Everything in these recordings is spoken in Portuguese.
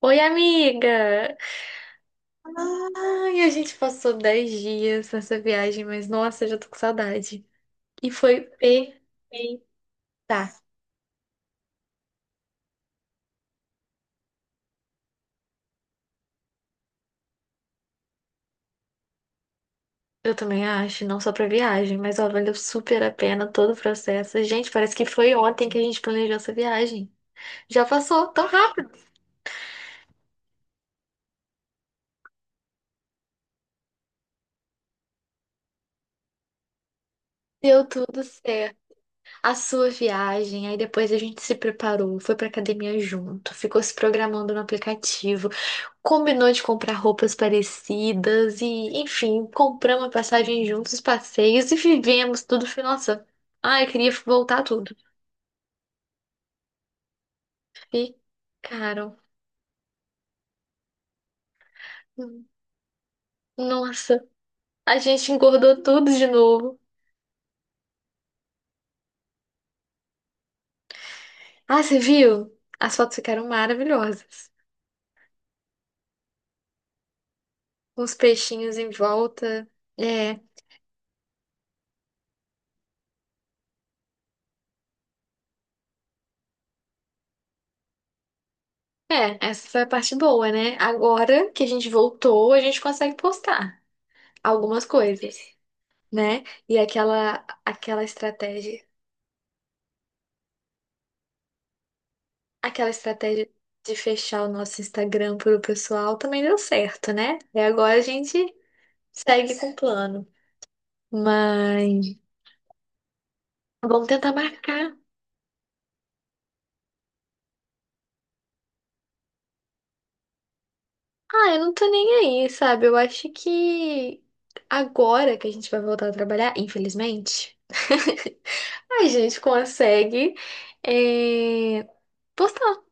Oi, amiga! Ai, a gente passou 10 dias nessa viagem, mas nossa, já tô com saudade. E foi perfeita. Eu também acho, não só pra viagem, mas ó, valeu super a pena todo o processo. Gente, parece que foi ontem que a gente planejou essa viagem. Já passou tão rápido. Deu tudo certo. A sua viagem, aí depois a gente se preparou, foi pra academia junto, ficou se programando no aplicativo. Combinou de comprar roupas parecidas e, enfim, compramos a passagem juntos, os passeios e vivemos tudo. Foi, nossa, ai, eu queria voltar tudo. E, caro, nossa, a gente engordou tudo de novo. Ah, você viu? As fotos ficaram maravilhosas. Uns peixinhos em volta. É, é, essa foi a parte boa, né? Agora que a gente voltou, a gente consegue postar algumas coisas, né? E aquela estratégia de fechar o nosso Instagram para o pessoal também deu certo, né? E agora a gente segue com o plano. Mas vamos tentar marcar. Ah, eu não tô nem aí, sabe? Eu acho que agora que a gente vai voltar a trabalhar, infelizmente, a gente consegue é, postar.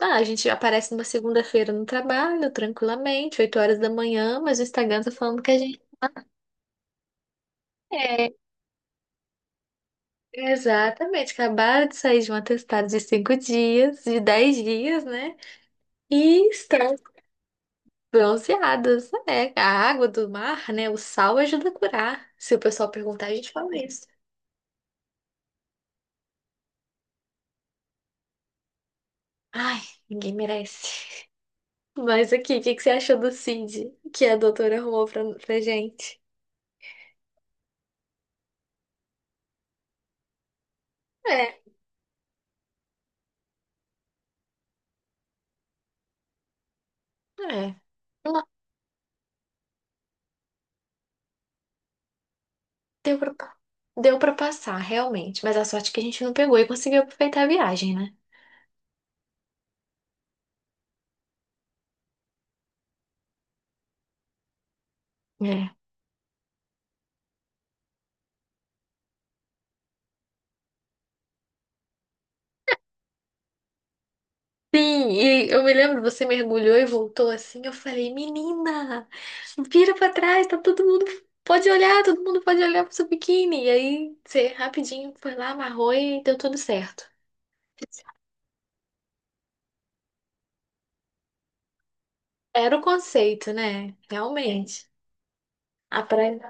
Ah, a gente aparece numa segunda-feira no trabalho, tranquilamente, 8 horas da manhã, mas o Instagram tá falando que a gente. Exatamente, acabaram de sair de um atestado de 5 dias, de 10 dias, né? E estão bronzeadas. É, a água do mar, né? O sal ajuda a curar. Se o pessoal perguntar, a gente fala isso. Ai, ninguém merece. Mas aqui, o que que você achou do Cid que a doutora arrumou pra gente? É, é. Não, deu pra, deu pra passar, realmente. Mas a sorte é que a gente não pegou e conseguiu aproveitar a viagem, né? Sim, e eu me lembro, você mergulhou e voltou assim. Eu falei, menina, vira pra trás, tá todo mundo. Pode olhar, todo mundo pode olhar pro seu biquíni. E aí você rapidinho foi lá, amarrou e deu tudo certo. Era o conceito, né? Realmente. A praia.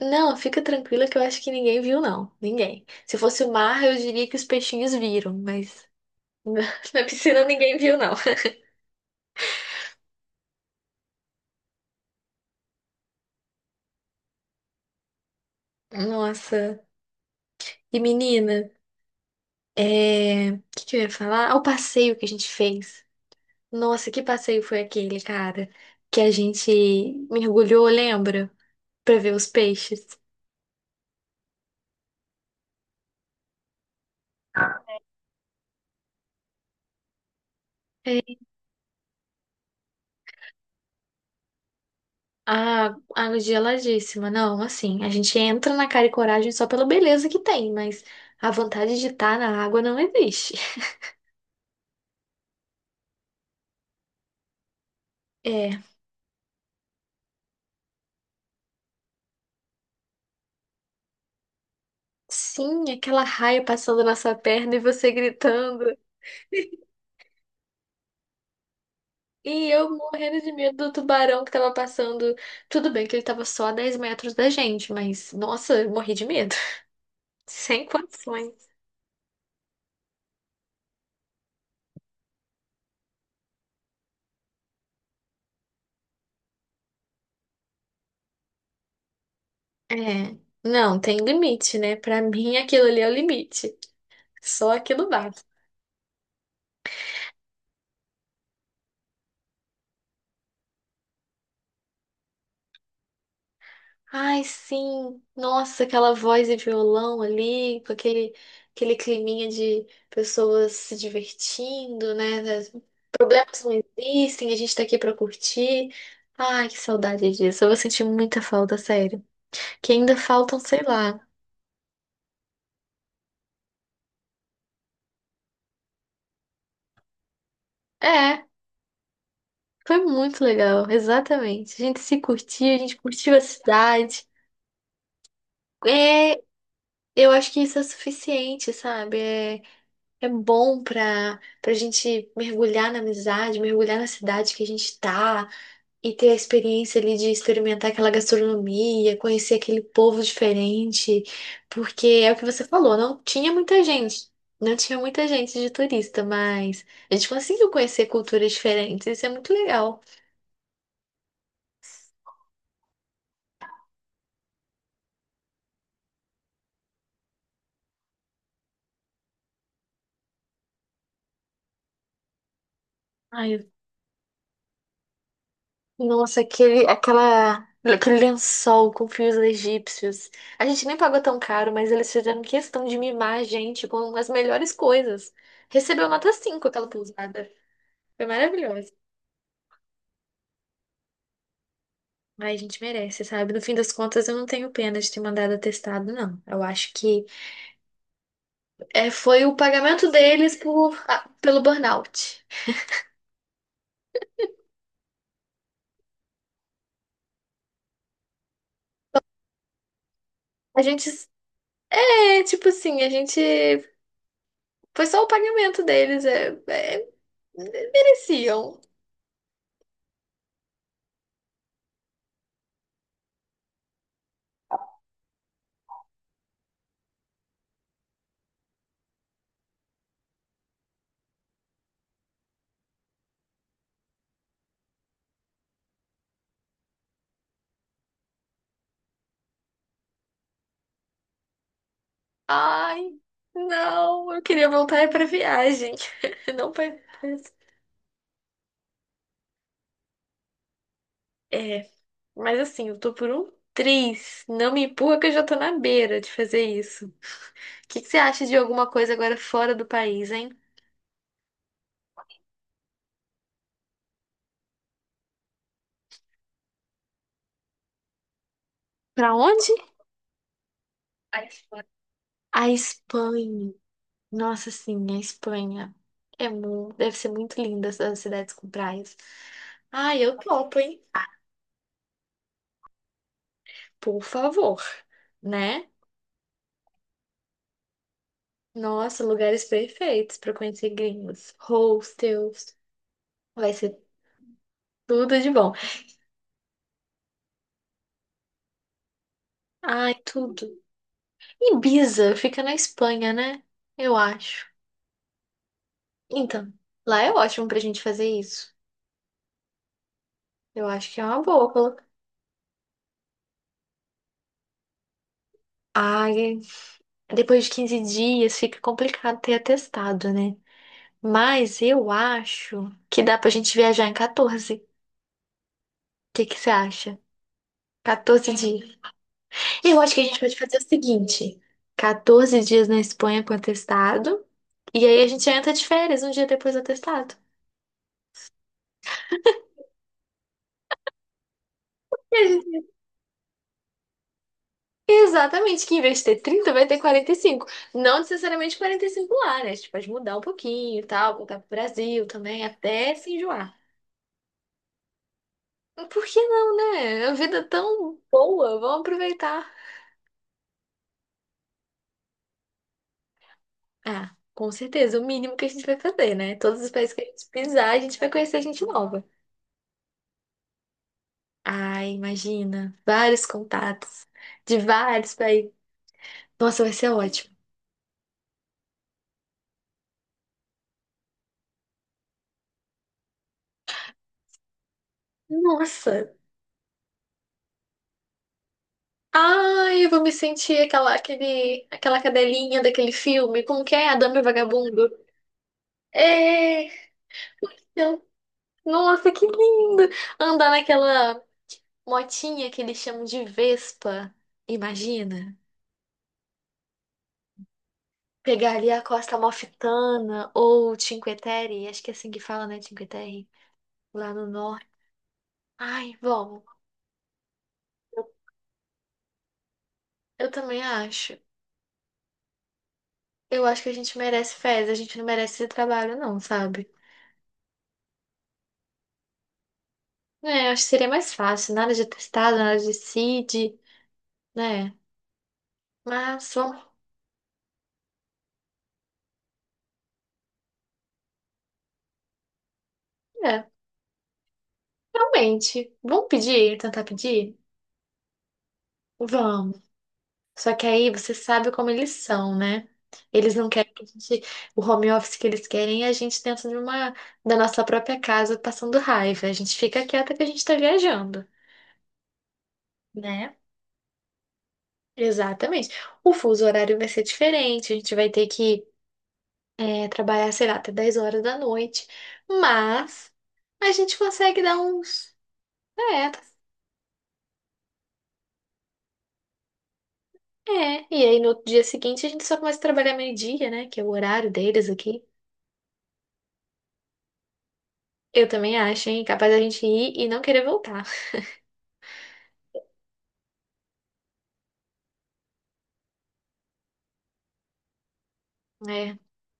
Não, fica tranquila que eu acho que ninguém viu, não. Ninguém. Se fosse o mar, eu diria que os peixinhos viram, mas na piscina ninguém viu, não. Nossa. E menina. É, o que que eu ia falar? Ah, o passeio que a gente fez. Nossa, que passeio foi aquele, cara? Que a gente mergulhou, lembra? Pra ver os peixes. É, a água geladíssima. Não, assim, a gente entra na cara e coragem só pela beleza que tem, mas a vontade de estar na água não existe. É, sim, aquela raia passando na sua perna e você gritando. E eu morrendo de medo do tubarão que tava passando. Tudo bem que ele tava só a 10 metros da gente, mas nossa, eu morri de medo. Sem condições. É. Não, tem limite, né? Pra mim aquilo ali é o limite. Só aquilo basta. Ai, sim. Nossa, aquela voz e violão ali, com aquele climinha de pessoas se divertindo, né? Problemas não existem, a gente tá aqui pra curtir. Ai, que saudade disso. Eu vou sentir muita falta, sério. Que ainda faltam, sei lá. É, foi muito legal, exatamente. A gente se curtiu, a gente curtiu a cidade. É, eu acho que isso é suficiente, sabe? É, é bom pra gente mergulhar na amizade, mergulhar na cidade que a gente tá. E ter a experiência ali de experimentar aquela gastronomia, conhecer aquele povo diferente, porque é o que você falou, não tinha muita gente, não tinha muita gente de turista, mas a gente conseguiu conhecer culturas diferentes, isso é muito legal. Ai, nossa, aquele lençol com fios egípcios. A gente nem pagou tão caro, mas eles fizeram questão de mimar a gente com as melhores coisas. Recebeu nota cinco aquela pousada. Foi maravilhosa. Ai, a gente merece, sabe? No fim das contas, eu não tenho pena de ter mandado atestado, não. Eu acho que foi o pagamento deles por, pelo burnout. A gente, tipo assim, a gente. Foi só o pagamento deles, mereciam. Ai, não, eu queria voltar para viagem. Não pra. É, mas assim, eu tô por um triz. Não me empurra que eu já tô na beira de fazer isso. O que que você acha de alguma coisa agora fora do país, hein? Pra onde? A Espanha. A Espanha. Nossa, sim, a Espanha. É muito Deve ser muito linda essas cidades com praias. Ah, eu topo, hein? Por favor, né? Nossa, lugares perfeitos para conhecer gringos. Hostels. Vai ser tudo de bom. Ai, tudo. Ibiza fica na Espanha, né? Eu acho. Então, lá é ótimo pra gente fazer isso. Eu acho que é uma boa. Ai, depois de 15 dias fica complicado ter atestado, né? Mas eu acho que dá pra gente viajar em 14. O que que você acha? 14 dias. Eu acho que a gente pode fazer o seguinte: 14 dias na Espanha com atestado, e aí a gente entra de férias um dia depois do atestado. E a gente- Exatamente, que em vez de ter 30, vai ter 45. Não necessariamente 45 lá, né? A gente pode mudar um pouquinho e tal, voltar pro Brasil também, até se enjoar. Por que não, né? A vida é tão boa, vamos aproveitar. Ah, com certeza, o mínimo que a gente vai fazer, né? Todos os países que a gente pisar, a gente vai conhecer gente nova. Ah, imagina, vários contatos de vários países. Nossa, vai ser ótimo. Nossa. Ai, eu vou me sentir aquela cadelinha daquele filme. Como que é? A Dama e o Vagabundo. É, eu- nossa, que lindo! Andar naquela motinha que eles chamam de Vespa. Imagina. Pegar ali a Costa Amalfitana ou Cinque Terre, acho que é assim que fala, né? Cinque Terre, lá no norte. Ai, vamos. Eu, eu também acho. Eu acho que a gente merece férias, a gente não merece esse trabalho, não, sabe? É, acho que seria mais fácil, nada de testado, nada de CID, né? Mas vamos, é, realmente, vamos pedir, tentar pedir? Vamos. Só que aí você sabe como eles são, né? Eles não querem que a gente, o home office que eles querem é a gente dentro de uma, da nossa própria casa passando raiva. A gente fica quieta que a gente tá viajando, né? Exatamente. O fuso horário vai ser diferente, a gente vai ter que trabalhar, sei lá, até 10 horas da noite, mas a gente consegue dar uns. É, tá- é. E aí no outro dia seguinte a gente só começa a trabalhar meio-dia, né? Que é o horário deles aqui. Eu também acho, hein? Capaz da gente ir e não querer voltar. É,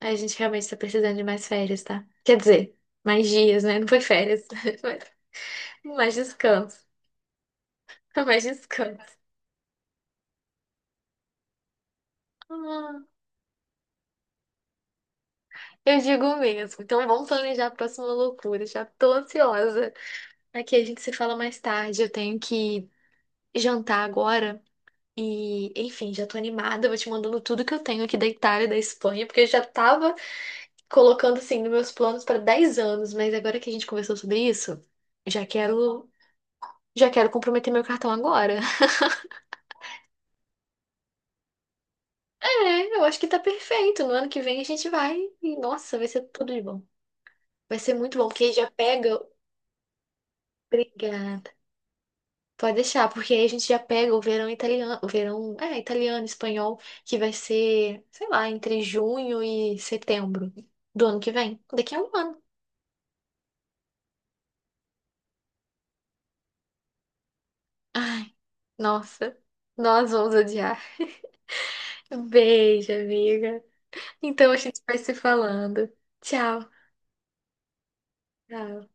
a gente realmente tá precisando de mais férias, tá? Quer dizer, mais dias, né? Não foi férias, mas mais descanso. Mais descanso. Ah, eu digo mesmo. Então vamos planejar a próxima loucura. Já tô ansiosa. Aqui a gente se fala mais tarde. Eu tenho que jantar agora. E, enfim, já tô animada. Eu vou te mandando tudo que eu tenho aqui da Itália, da Espanha, porque eu já tava colocando assim nos meus planos para 10 anos, mas agora que a gente conversou sobre isso, já quero, já quero comprometer meu cartão agora. É, eu acho que tá perfeito. No ano que vem a gente vai e, nossa, vai ser tudo de bom. Vai ser muito bom, porque aí já pega. Obrigada. Pode deixar, porque aí a gente já pega o verão italiano, o verão, italiano, espanhol, que vai ser, sei lá, entre junho e setembro do ano que vem. Daqui a um ano. Ai, nossa, nós vamos odiar. Um beijo, amiga. Então a gente vai se falando. Tchau. Tchau.